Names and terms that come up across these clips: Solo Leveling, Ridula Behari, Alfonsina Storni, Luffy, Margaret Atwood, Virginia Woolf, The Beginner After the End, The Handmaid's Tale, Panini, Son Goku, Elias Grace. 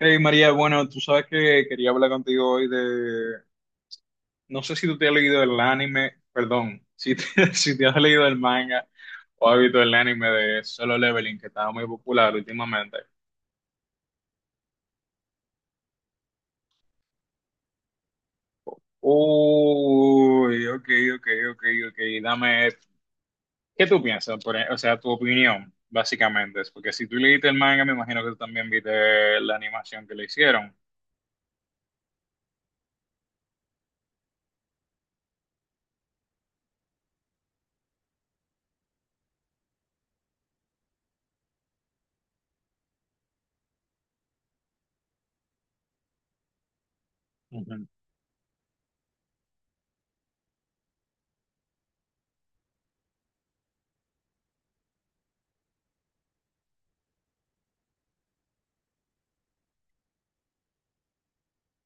Hey María, bueno, tú sabes que quería hablar contigo hoy no sé si tú te has leído el anime, perdón, si te, si te has leído el manga o has visto el anime de Solo Leveling que estaba muy popular últimamente. Uy, ok, ok, ok, ok, dame, ¿qué tú piensas? O sea, tu opinión, básicamente, es porque si tú leíste el manga, me imagino que tú también viste la animación que le hicieron.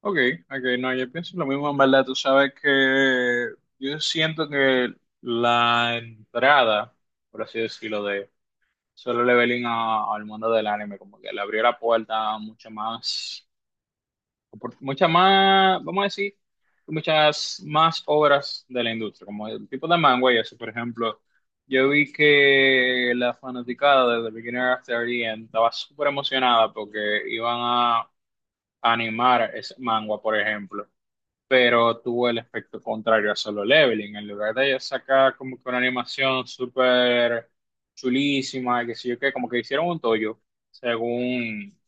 Ok, ok, no, yo pienso lo mismo en verdad. Tú sabes que yo siento que la entrada, por así decirlo, de Solo Leveling al mundo del anime, como que le abrió la puerta a mucha más, vamos a decir, muchas más obras de la industria, como el tipo de manga y eso. Por ejemplo, yo vi que la fanaticada de The Beginner After the End estaba súper emocionada porque iban a animar ese manga, por ejemplo, pero tuvo el efecto contrario a Solo Leveling. En lugar de sacar como que una animación súper chulísima, y qué sé yo qué, como que hicieron un tollo, según,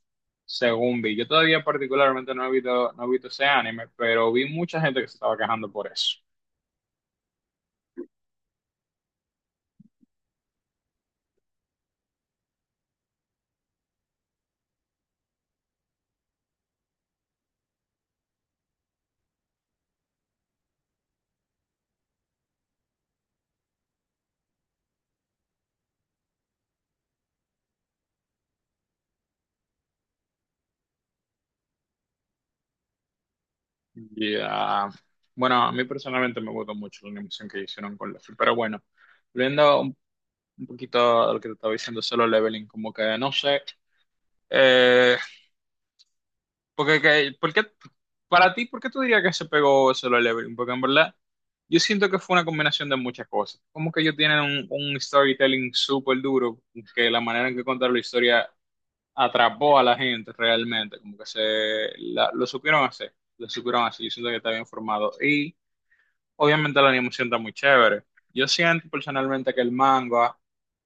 según vi. Yo todavía particularmente no he visto ese anime, pero vi mucha gente que se estaba quejando por eso. Y, ah, Bueno, a mí personalmente me gustó mucho la animación que hicieron con Luffy, pero bueno, volviendo un poquito a lo que te estaba diciendo Solo Leveling, como que no sé. Eh, porque, que- ¿por qué- Para ti, ¿por qué tú dirías que se pegó solo el Everin? Porque en verdad, yo siento que fue una combinación de muchas cosas. Como que ellos tienen un storytelling súper duro, que la manera en que contaron la historia atrapó a la gente realmente, como que se la- lo supieron hacer, yo siento que está bien formado. Obviamente la animación está muy chévere. Yo siento personalmente que el manga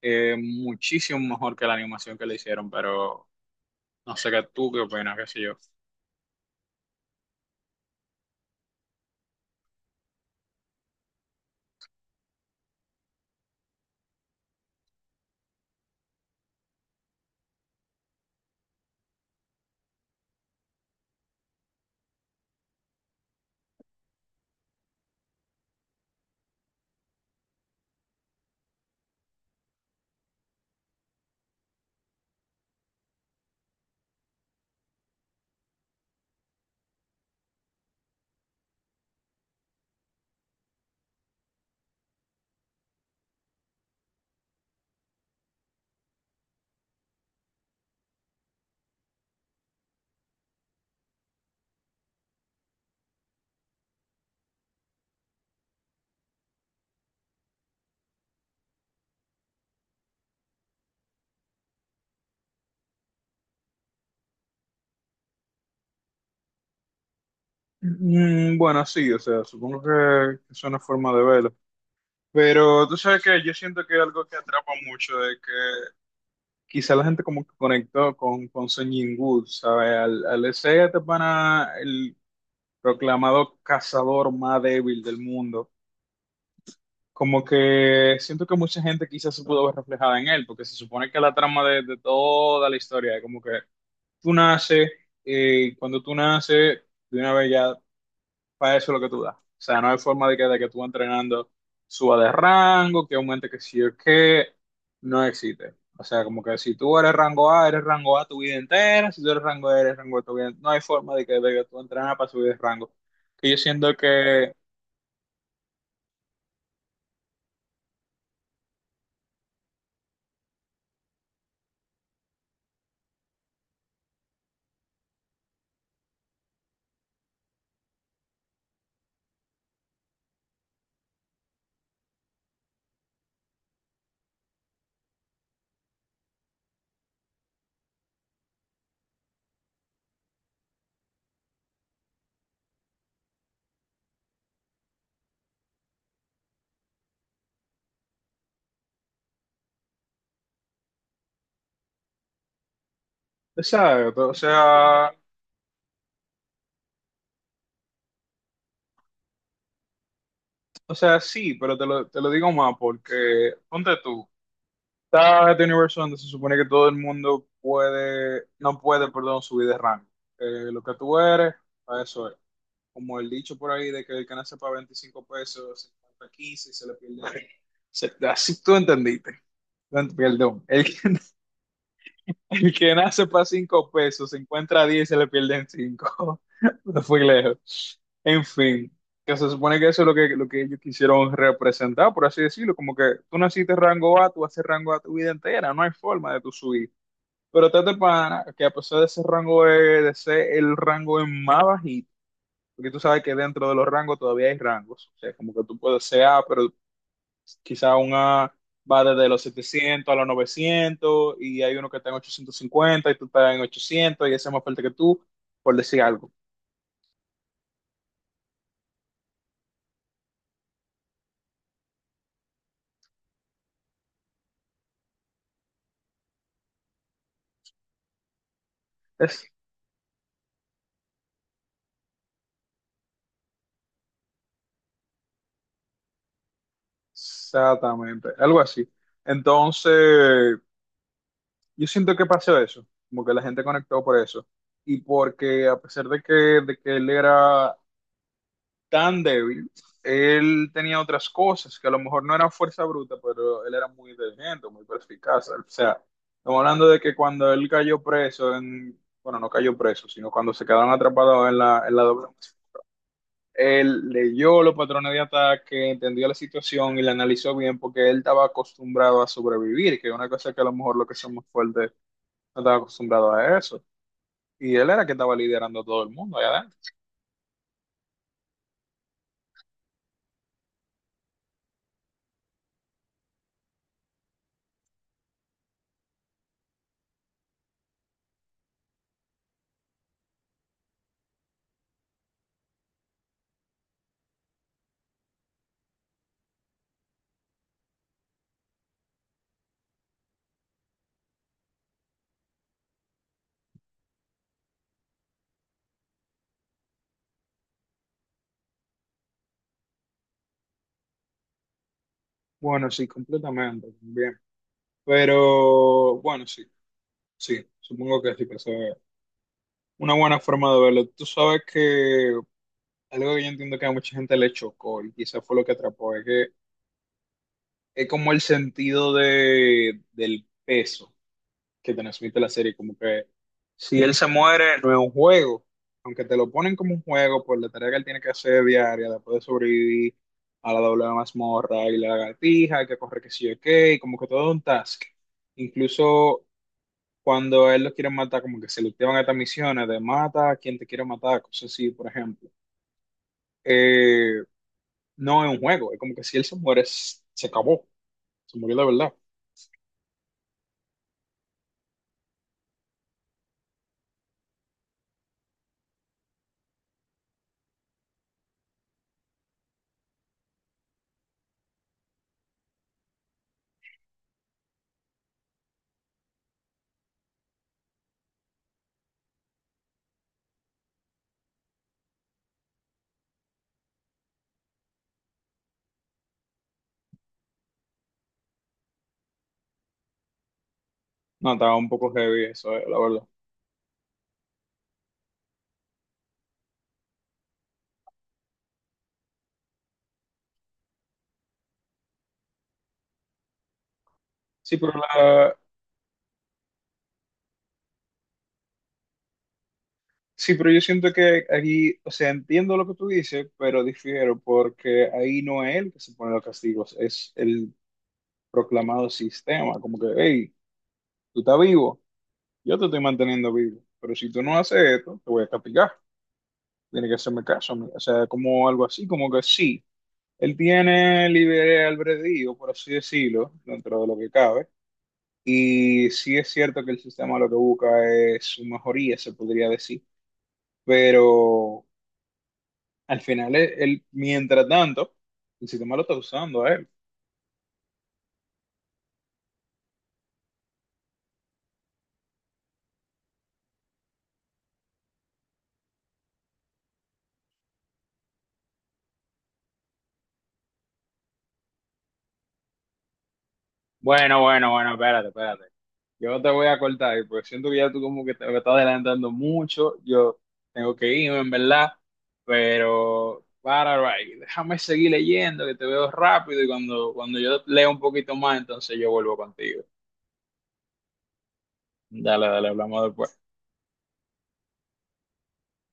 es muchísimo mejor que la animación que le hicieron, pero no sé qué tú qué opinas, qué sé yo. Mm, bueno, sí, o sea, supongo que es una forma de verlo. Pero tú sabes que yo siento que algo que atrapa mucho es que quizá la gente como que conectó con Son Goku, ¿sabes? Al ese este pana, el proclamado cazador más débil del mundo. Como que siento que mucha gente quizás se pudo ver reflejada en él, porque se supone que la trama de toda la historia es como que tú naces, y cuando tú naces, de una vez ya, para eso es lo que tú das. O sea, no hay forma de que tú entrenando suba de rango, que aumente que sí o que no existe. O sea, como que si tú eres rango A tu vida entera, si tú eres rango A tu vida entera. No hay forma de que tú entrenas para subir de rango. Que yo siento que, exacto, O sea, sí, pero te lo digo más porque, ponte tú, está este universo donde se supone que todo el mundo puede, no puede, perdón, subir de rango. Lo que tú eres, a eso es. Como el dicho por ahí de que el que nace para 25 pesos, se encuentra 15 y se le pierde. Así tú entendiste. No, perdón, el que nace para 5 pesos, se encuentra 10 y se le pierden 5. No fui lejos. En fin, que se supone que eso es lo que ellos quisieron representar, por así decirlo. Como que tú naciste rango A, tú haces rango A tu vida entera, no hay forma de tu subir. Pero está este pana que a pesar de ese rango E, de ser el rango es más bajito, porque tú sabes que dentro de los rangos todavía hay rangos. O sea, como que tú puedes ser A, pero quizá una va desde los 700 a los 900 y hay uno que está en 850 y tú estás en 800 y ese es más fuerte que tú, por decir algo. Es- Exactamente, algo así. Entonces, yo siento que pasó eso, como que la gente conectó por eso. Y porque a pesar de que él era tan débil. Él tenía otras cosas que a lo mejor no eran fuerza bruta, pero él era muy inteligente, muy perspicaz. O sea, estamos hablando de que cuando él cayó preso, bueno, no cayó preso, sino cuando se quedaron atrapados en la doble. Él leyó los patrones de ataque, entendió la situación y la analizó bien porque él estaba acostumbrado a sobrevivir, que es una cosa que a lo mejor los que somos fuertes no estaba acostumbrado a eso. Y él era que estaba liderando a todo el mundo allá adentro. Bueno, sí, completamente, también. Pero bueno, sí, sí, supongo que sí, que eso es una buena forma de verlo. Tú sabes que algo que yo entiendo que a mucha gente le chocó y quizás fue lo que atrapó, es que es como el sentido del peso que transmite la serie, como que si él se muere no es un juego, aunque te lo ponen como un juego por la tarea que él tiene que hacer diaria, después de sobrevivir a la doble mazmorra y la lagartija, que corre que sí o qué, y como que todo es un task. Incluso cuando a él lo quieren matar, como que se le activan estas misiones de mata a quien te quiere matar, cosas así, por ejemplo. Eh, no es un juego, es como que si él se muere, se acabó, se murió de verdad. No, estaba un poco heavy eso, la verdad. Sí, pero la- sí, pero yo siento que aquí, o sea, entiendo lo que tú dices, pero difiero porque ahí no es él que se pone los castigos, es el proclamado sistema, como que, hey, tú estás vivo, yo te estoy manteniendo vivo, pero si tú no haces esto, te voy a castigar. Tiene que hacerme caso, amiga. O sea, como algo así, como que sí, él tiene libre albedrío, por así decirlo, dentro de lo que cabe. Y sí es cierto que el sistema lo que busca es su mejoría, se podría decir. Pero al final, él, mientras tanto, el sistema lo está usando a él. Bueno, bueno, bueno, espérate, espérate. Yo te voy a cortar ahí, porque siento que ya tú como que te me estás adelantando mucho. Yo tengo que irme, en verdad. Pero, para, right, déjame seguir leyendo, que te veo rápido y cuando yo leo un poquito más, entonces yo vuelvo contigo. Dale, dale, hablamos después.